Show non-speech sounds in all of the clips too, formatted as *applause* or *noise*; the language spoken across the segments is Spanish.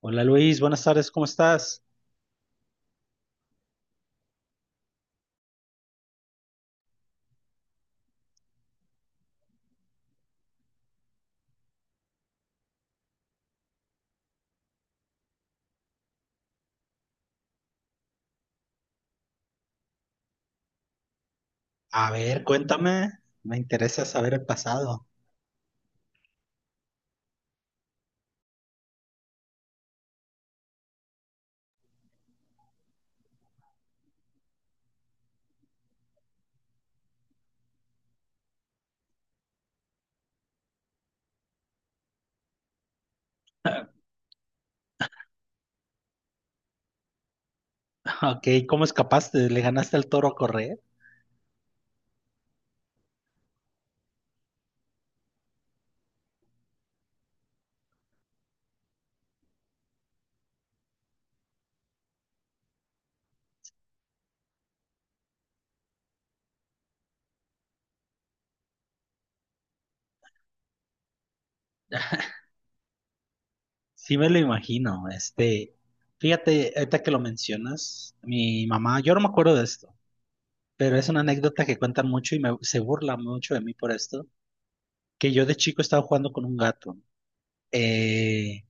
Hola Luis, buenas tardes, ¿cómo estás? A ver, cuéntame, me interesa saber el pasado. *laughs* Ok, ¿cómo escapaste? ¿Le ganaste al toro a correr? Sí me lo imagino, fíjate, ahorita que lo mencionas, mi mamá, yo no me acuerdo de esto, pero es una anécdota que cuentan mucho y se burla mucho de mí por esto, que yo de chico estaba jugando con un gato, eh,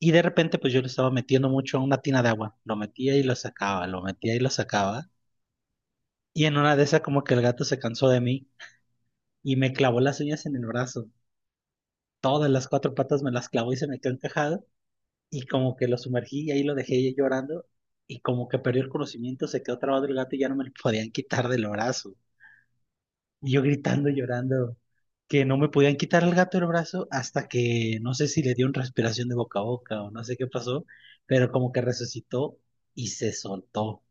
y de repente pues yo lo estaba metiendo mucho a una tina de agua, lo metía y lo sacaba, lo metía y lo sacaba, y en una de esas como que el gato se cansó de mí y me clavó las uñas en el brazo. Todas las cuatro patas me las clavó y se me quedó encajado y como que lo sumergí y ahí lo dejé llorando y como que perdió el conocimiento, se quedó trabado el gato y ya no me lo podían quitar del brazo. Y yo gritando y llorando que no me podían quitar el gato del brazo hasta que no sé si le dio una respiración de boca a boca o no sé qué pasó, pero como que resucitó y se soltó.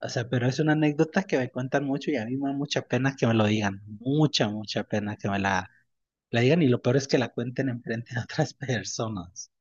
O sea, pero es una anécdota que me cuentan mucho y a mí me da mucha pena que me lo digan, mucha, mucha pena que me la digan y lo peor es que la cuenten enfrente de otras personas.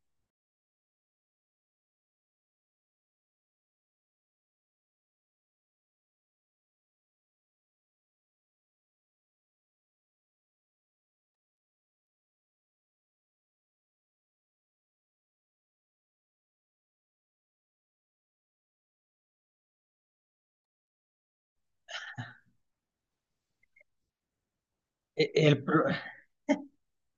E- El, pro-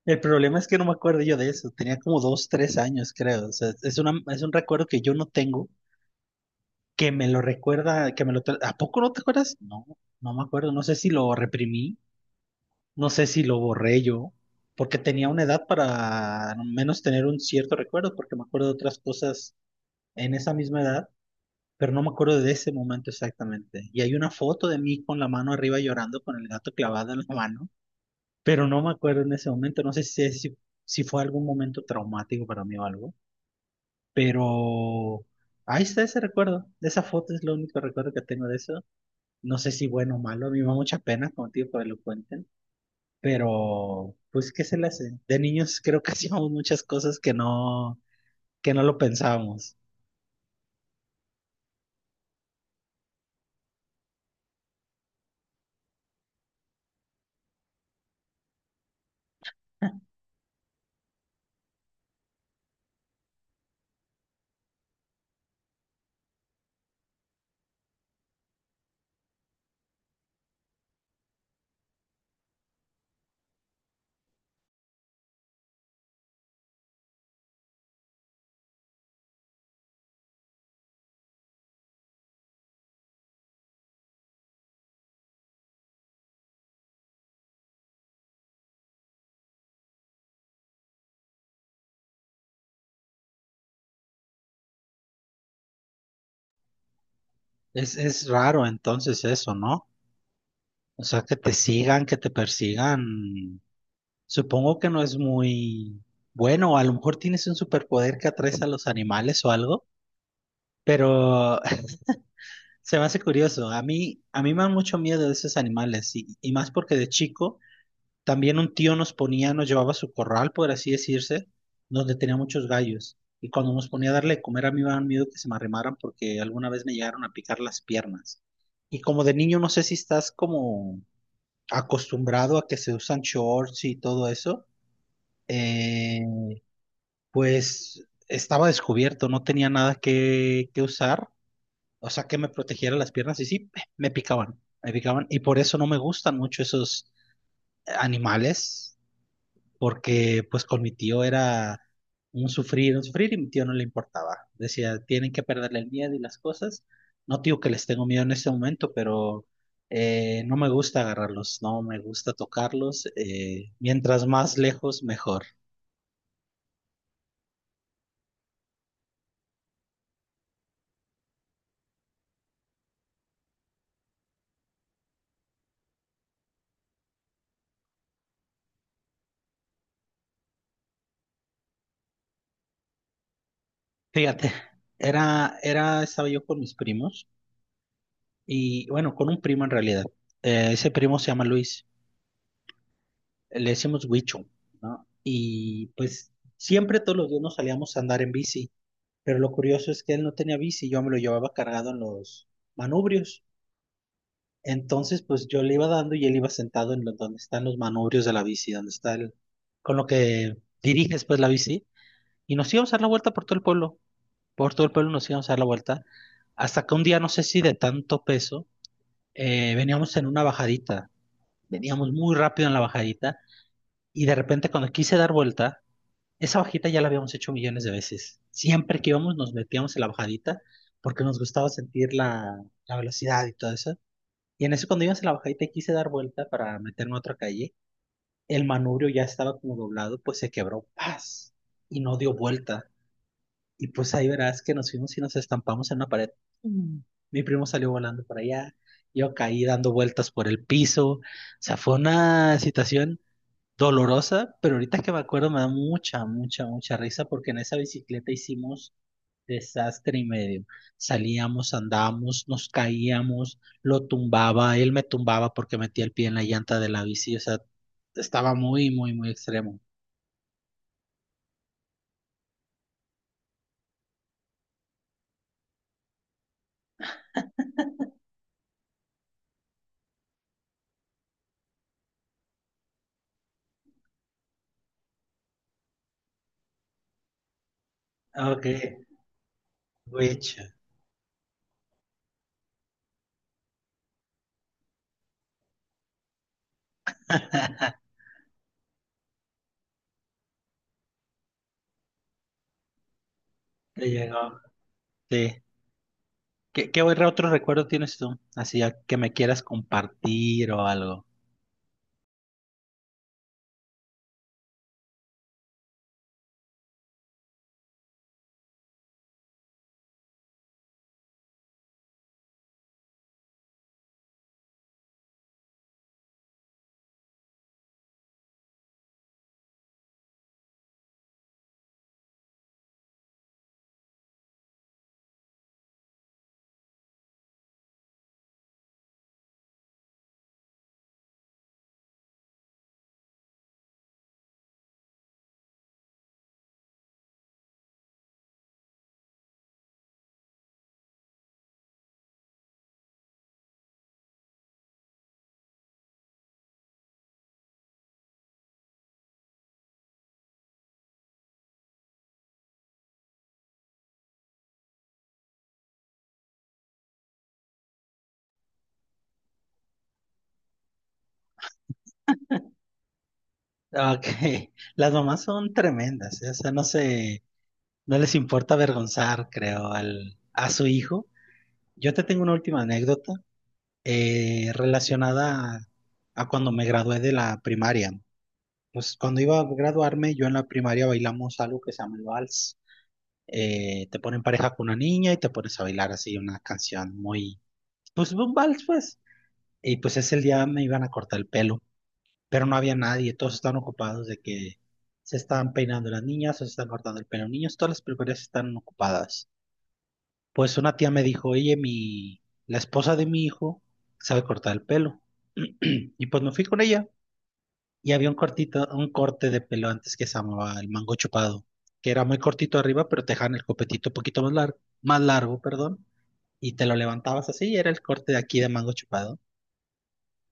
el problema es que no me acuerdo yo de eso, tenía como dos, tres años creo, o sea, es una, es un recuerdo que yo no tengo, que me lo recuerda, que me ¿A poco no te acuerdas? No, no me acuerdo, no sé si lo reprimí, no sé si lo borré yo, porque tenía una edad para al menos tener un cierto recuerdo, porque me acuerdo de otras cosas en esa misma edad, pero no me acuerdo de ese momento exactamente. Y hay una foto de mí con la mano arriba llorando, con el gato clavado en la mano. Pero no me acuerdo en ese momento, no sé si fue algún momento traumático para mí o algo, pero ahí está ese recuerdo, de esa foto es lo único recuerdo que tengo de eso. No sé si bueno o malo, a mí me da mucha pena contigo que me lo cuenten, pero pues qué se le hace. De niños creo que *laughs* hacíamos muchas cosas que no lo pensábamos. *laughs* Es raro entonces eso, ¿no? O sea, que te sigan, que te persigan. Supongo que no es muy bueno, a lo mejor tienes un superpoder que atraes a los animales o algo, pero *laughs* se me hace curioso. A mí me dan mucho miedo de esos animales y más porque de chico también un tío nos ponía, nos llevaba a su corral, por así decirse, donde tenía muchos gallos. Y cuando nos ponía a darle de comer, a mí me daban miedo que se me arrimaran porque alguna vez me llegaron a picar las piernas. Y como de niño no sé si estás como acostumbrado a que se usan shorts y todo eso. Eh, Pues estaba descubierto, no tenía nada que usar, o sea, que me protegiera las piernas y sí, me picaban y por eso no me gustan mucho esos animales, porque pues con mi tío era un sufrir y mi tío no le importaba. Decía, tienen que perderle el miedo y las cosas. No digo que les tengo miedo en este momento, pero no me gusta agarrarlos, no me gusta tocarlos. Mientras más lejos, mejor. Fíjate, estaba yo con mis primos y bueno, con un primo en realidad. Ese primo se llama Luis, le decimos Huicho, ¿no? Y pues siempre todos los días nos salíamos a andar en bici, pero lo curioso es que él no tenía bici, yo me lo llevaba cargado en los manubrios. Entonces, pues yo le iba dando y él iba sentado en donde están los manubrios de la bici, donde está el, con lo que diriges pues la bici, y nos íbamos a dar la vuelta por todo el pueblo. Por todo el pueblo nos íbamos a dar la vuelta, hasta que un día, no sé si de tanto peso, veníamos en una bajadita, veníamos muy rápido en la bajadita, y de repente cuando quise dar vuelta, esa bajita ya la habíamos hecho millones de veces. Siempre que íbamos nos metíamos en la bajadita porque nos gustaba sentir la, la velocidad y todo eso. Y en eso cuando íbamos en la bajadita y quise dar vuelta para meterme a otra calle, el manubrio ya estaba como doblado, pues se quebró, ¡paz! Y no dio vuelta. Y pues ahí verás que nos fuimos y nos estampamos en una pared. Mm. Mi primo salió volando para allá, yo caí dando vueltas por el piso. O sea, fue una situación dolorosa, pero ahorita que me acuerdo me da mucha, mucha, mucha risa porque en esa bicicleta hicimos desastre y medio. Salíamos, andábamos, nos caíamos, lo tumbaba, él me tumbaba porque metía el pie en la llanta de la bici, o sea, estaba muy, muy, muy extremo. Ok, witch. *laughs* Te llegó. Sí. ¿Qué, qué otro recuerdo tienes tú? Así que me quieras compartir o algo. Ah, ok, *laughs* las mamás son tremendas, ¿eh? O sea, no se, no les importa avergonzar, creo, al, a su hijo. Yo te tengo una última anécdota relacionada a cuando me gradué de la primaria. Pues cuando iba a graduarme, yo en la primaria bailamos algo que se llama el vals. Te ponen pareja con una niña y te pones a bailar así una canción muy, pues un vals, pues. Y pues ese día me iban a cortar el pelo. Pero no había nadie, todos estaban ocupados de que se estaban peinando las niñas o se están cortando el pelo los niños, todas las peluquerías están ocupadas. Pues una tía me dijo, oye, la esposa de mi hijo sabe cortar el pelo. *clears throat* Y pues me fui con ella y había un cortito, un corte de pelo antes que se llamaba el mango chupado, que era muy cortito arriba, pero te dejaban el copetito un poquito más largo, perdón, y te lo levantabas así y era el corte de aquí de mango chupado.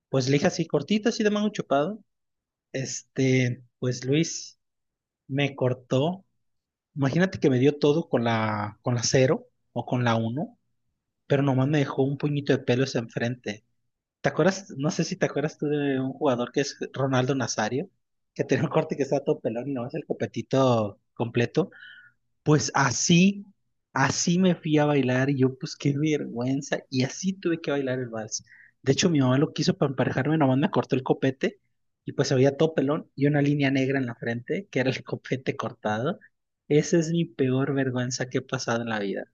Pues le dije así, cortito así de mango chupado. Pues Luis, me cortó. Imagínate que me dio todo con con la cero o con la uno, pero nomás me dejó un puñito de pelos enfrente. ¿Te acuerdas? No sé si te acuerdas tú de un jugador que es Ronaldo Nazario, que tenía un corte que estaba todo pelón y nomás el copetito completo. Pues así, así me fui a bailar y yo, pues qué vergüenza. Y así tuve que bailar el vals. De hecho, mi mamá lo quiso para emparejarme, nomás me cortó el copete y pues había todo pelón y una línea negra en la frente, que era el copete cortado. Esa es mi peor vergüenza que he pasado en la vida.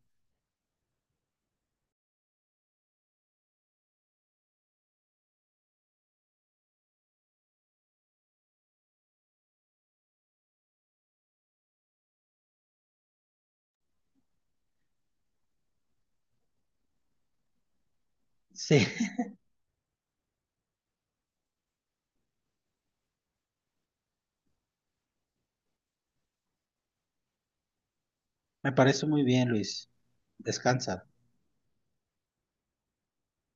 Sí, *laughs* me parece muy bien, Luis. Descansa.